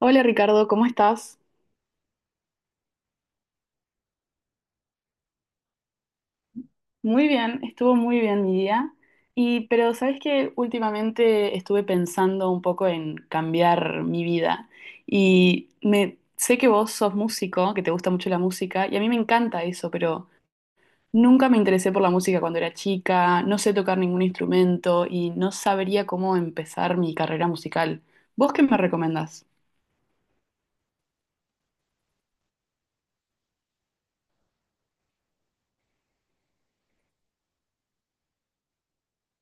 Hola Ricardo, ¿cómo estás? Muy bien, estuvo muy bien mi día. Pero sabes que últimamente estuve pensando un poco en cambiar mi vida y me sé que vos sos músico, que te gusta mucho la música y a mí me encanta eso, pero nunca me interesé por la música cuando era chica, no sé tocar ningún instrumento y no sabría cómo empezar mi carrera musical. ¿Vos qué me recomendás?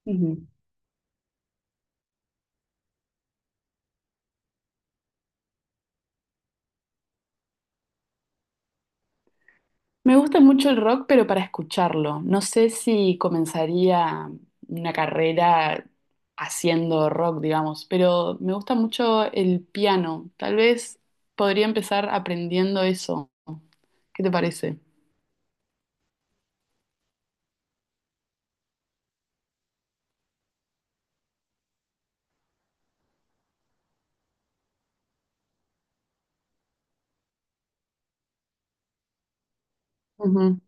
Ujú. Me gusta mucho el rock, pero para escucharlo. No sé si comenzaría una carrera haciendo rock, digamos, pero me gusta mucho el piano. Tal vez podría empezar aprendiendo eso. ¿Qué te parece? Ujú,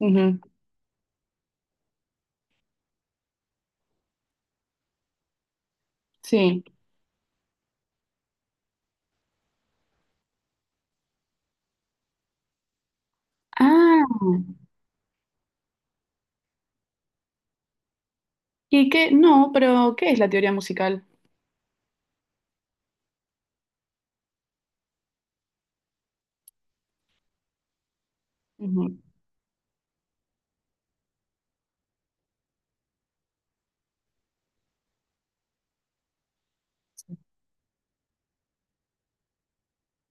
ujú. Sí. Ah, ¿y qué? No, pero ¿qué es la teoría musical? Ujú.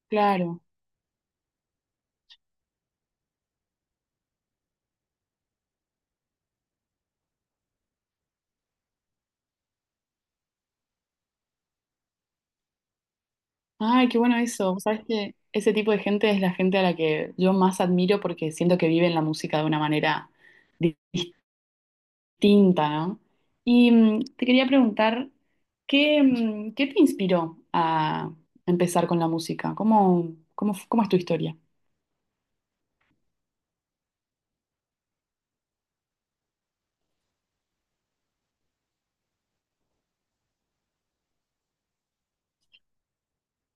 Claro. Ay, qué bueno eso. Sabes que ese tipo de gente es la gente a la que yo más admiro porque siento que viven la música de una manera tinta, ¿no? Y te quería preguntar, ¿qué te inspiró a empezar con la música? ¿Cómo es tu historia?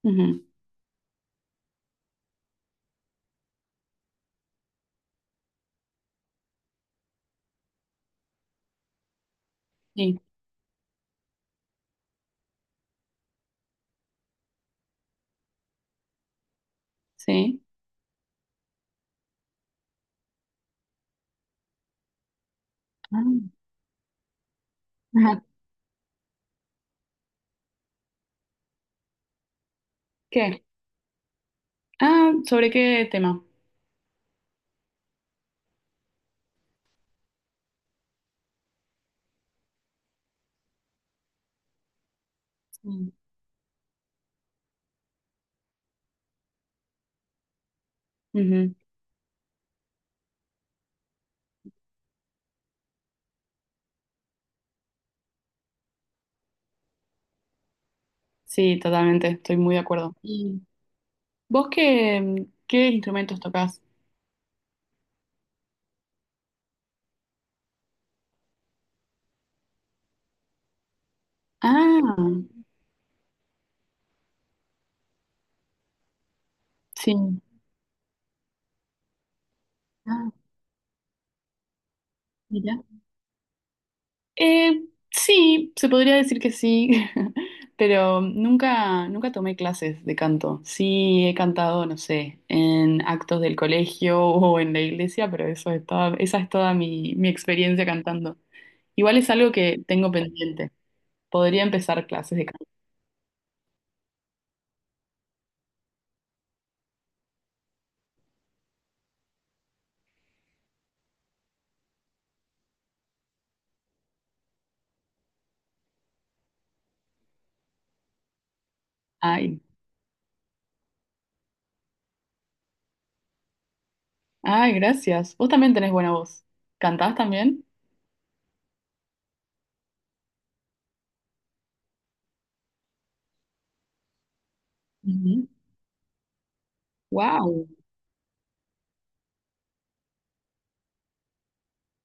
Ujú. Sí, sí. Ah, ajá. ¿Qué? Ah, ¿sobre qué tema? Sí. Ujú. Sí, totalmente, estoy muy de acuerdo. ¿Y vos qué instrumentos tocás? Ah, sí. Ah, mirá. Eh, sí, se podría decir que sí, pero nunca tomé clases de canto. Sí he cantado, no sé, en actos del colegio o en la iglesia, pero esa es toda mi experiencia cantando. Igual es algo que tengo pendiente. Podría empezar clases de canto. Ay, ay, gracias. Vos también tenés buena voz. ¿Cantás también? Wow.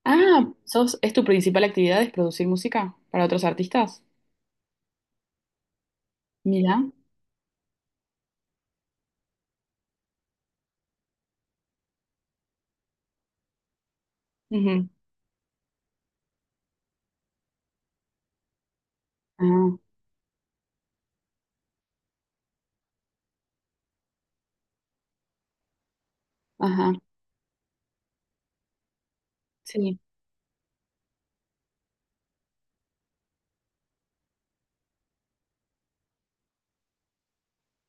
Ah, sos, ¿es tu principal actividad es producir música para otros artistas? Mira. Ujú. Ah. Ajá, sí,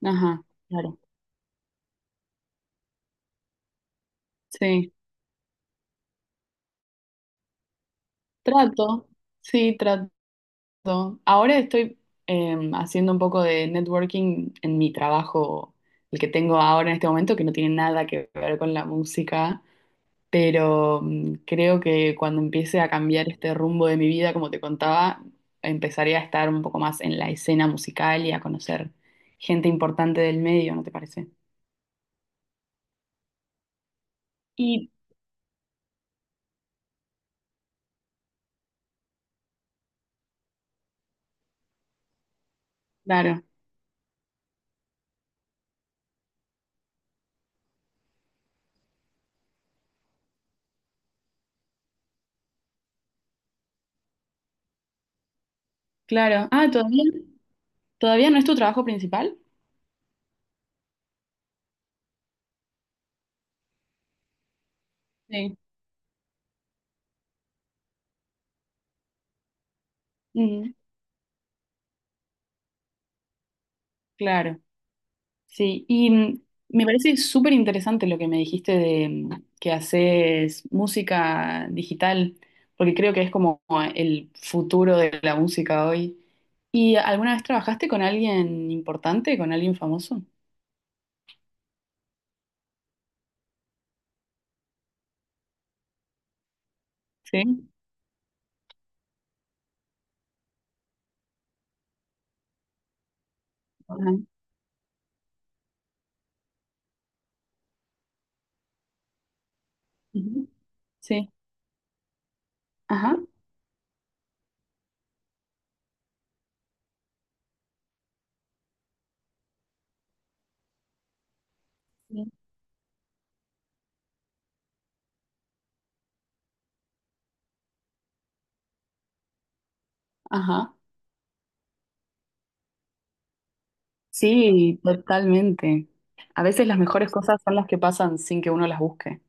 ajá, claro, sí. Trato, sí, trato. Ahora estoy haciendo un poco de networking en mi trabajo, el que tengo ahora en este momento, que no tiene nada que ver con la música, pero creo que cuando empiece a cambiar este rumbo de mi vida, como te contaba, empezaré a estar un poco más en la escena musical y a conocer gente importante del medio, ¿no te parece? Y claro, claro. Ah, todavía no es tu trabajo principal? Sí. Mm, claro, sí. Y me parece súper interesante lo que me dijiste de que haces música digital, porque creo que es como el futuro de la música hoy. ¿Y alguna vez trabajaste con alguien importante, con alguien famoso? Sí. Ajá. Ujú. Sí. Ajá. Sí. Ajá. Sí, totalmente. A veces las mejores cosas son las que pasan sin que uno las busque.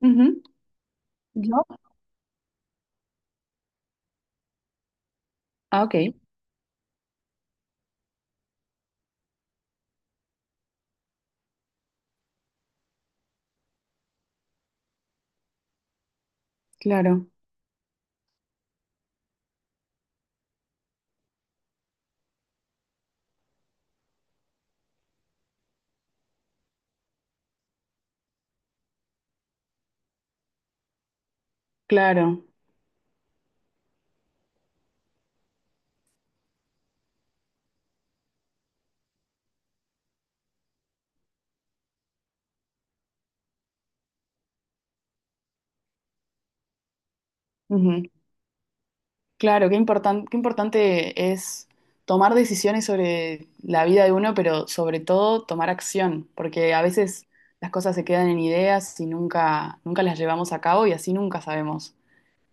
Ujú. ¿Yo? Ah, ok. Claro, claro. Ujú. Claro, qué importante es tomar decisiones sobre la vida de uno, pero sobre todo tomar acción, porque a veces las cosas se quedan en ideas y nunca las llevamos a cabo y así nunca sabemos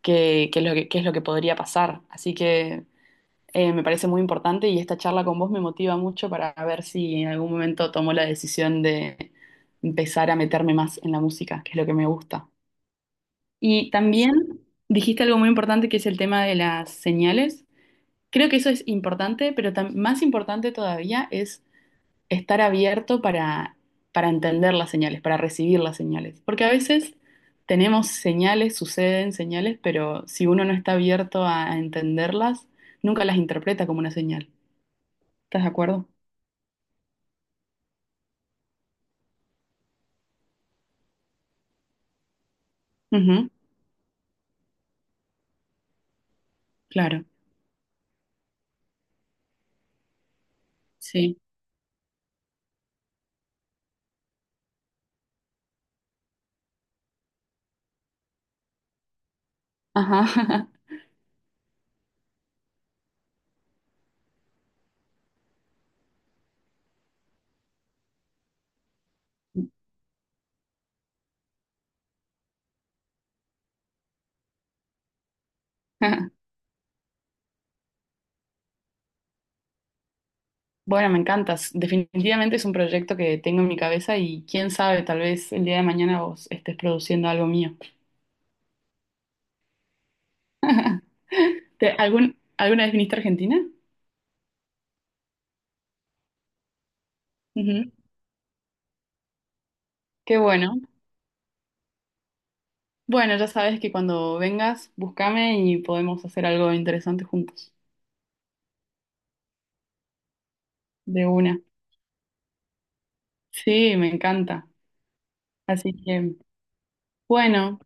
qué es lo que podría pasar. Así que me parece muy importante y esta charla con vos me motiva mucho para ver si en algún momento tomo la decisión de empezar a meterme más en la música, que es lo que me gusta. Y también dijiste algo muy importante que es el tema de las señales. Creo que eso es importante, pero más importante todavía es estar abierto para entender las señales, para recibir las señales. Porque a veces tenemos señales, suceden señales, pero si uno no está abierto a entenderlas, nunca las interpreta como una señal. ¿Estás de acuerdo? Ujú, claro, sí. Ajá. Bueno, me encantas. Definitivamente es un proyecto que tengo en mi cabeza y quién sabe, tal vez el día de mañana vos estés produciendo algo mío. Alguna vez viniste a Argentina? Ujú. Qué bueno. Bueno, ya sabes que cuando vengas, búscame y podemos hacer algo interesante juntos. De una. Sí, me encanta. Así que, bueno,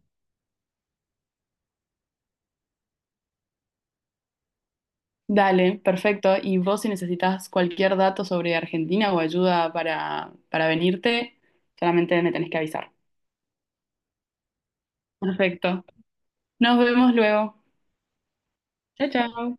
dale, perfecto. Y vos si necesitas cualquier dato sobre Argentina o ayuda para venirte, solamente me tenés que avisar. Perfecto. Nos vemos luego. Chao, chao.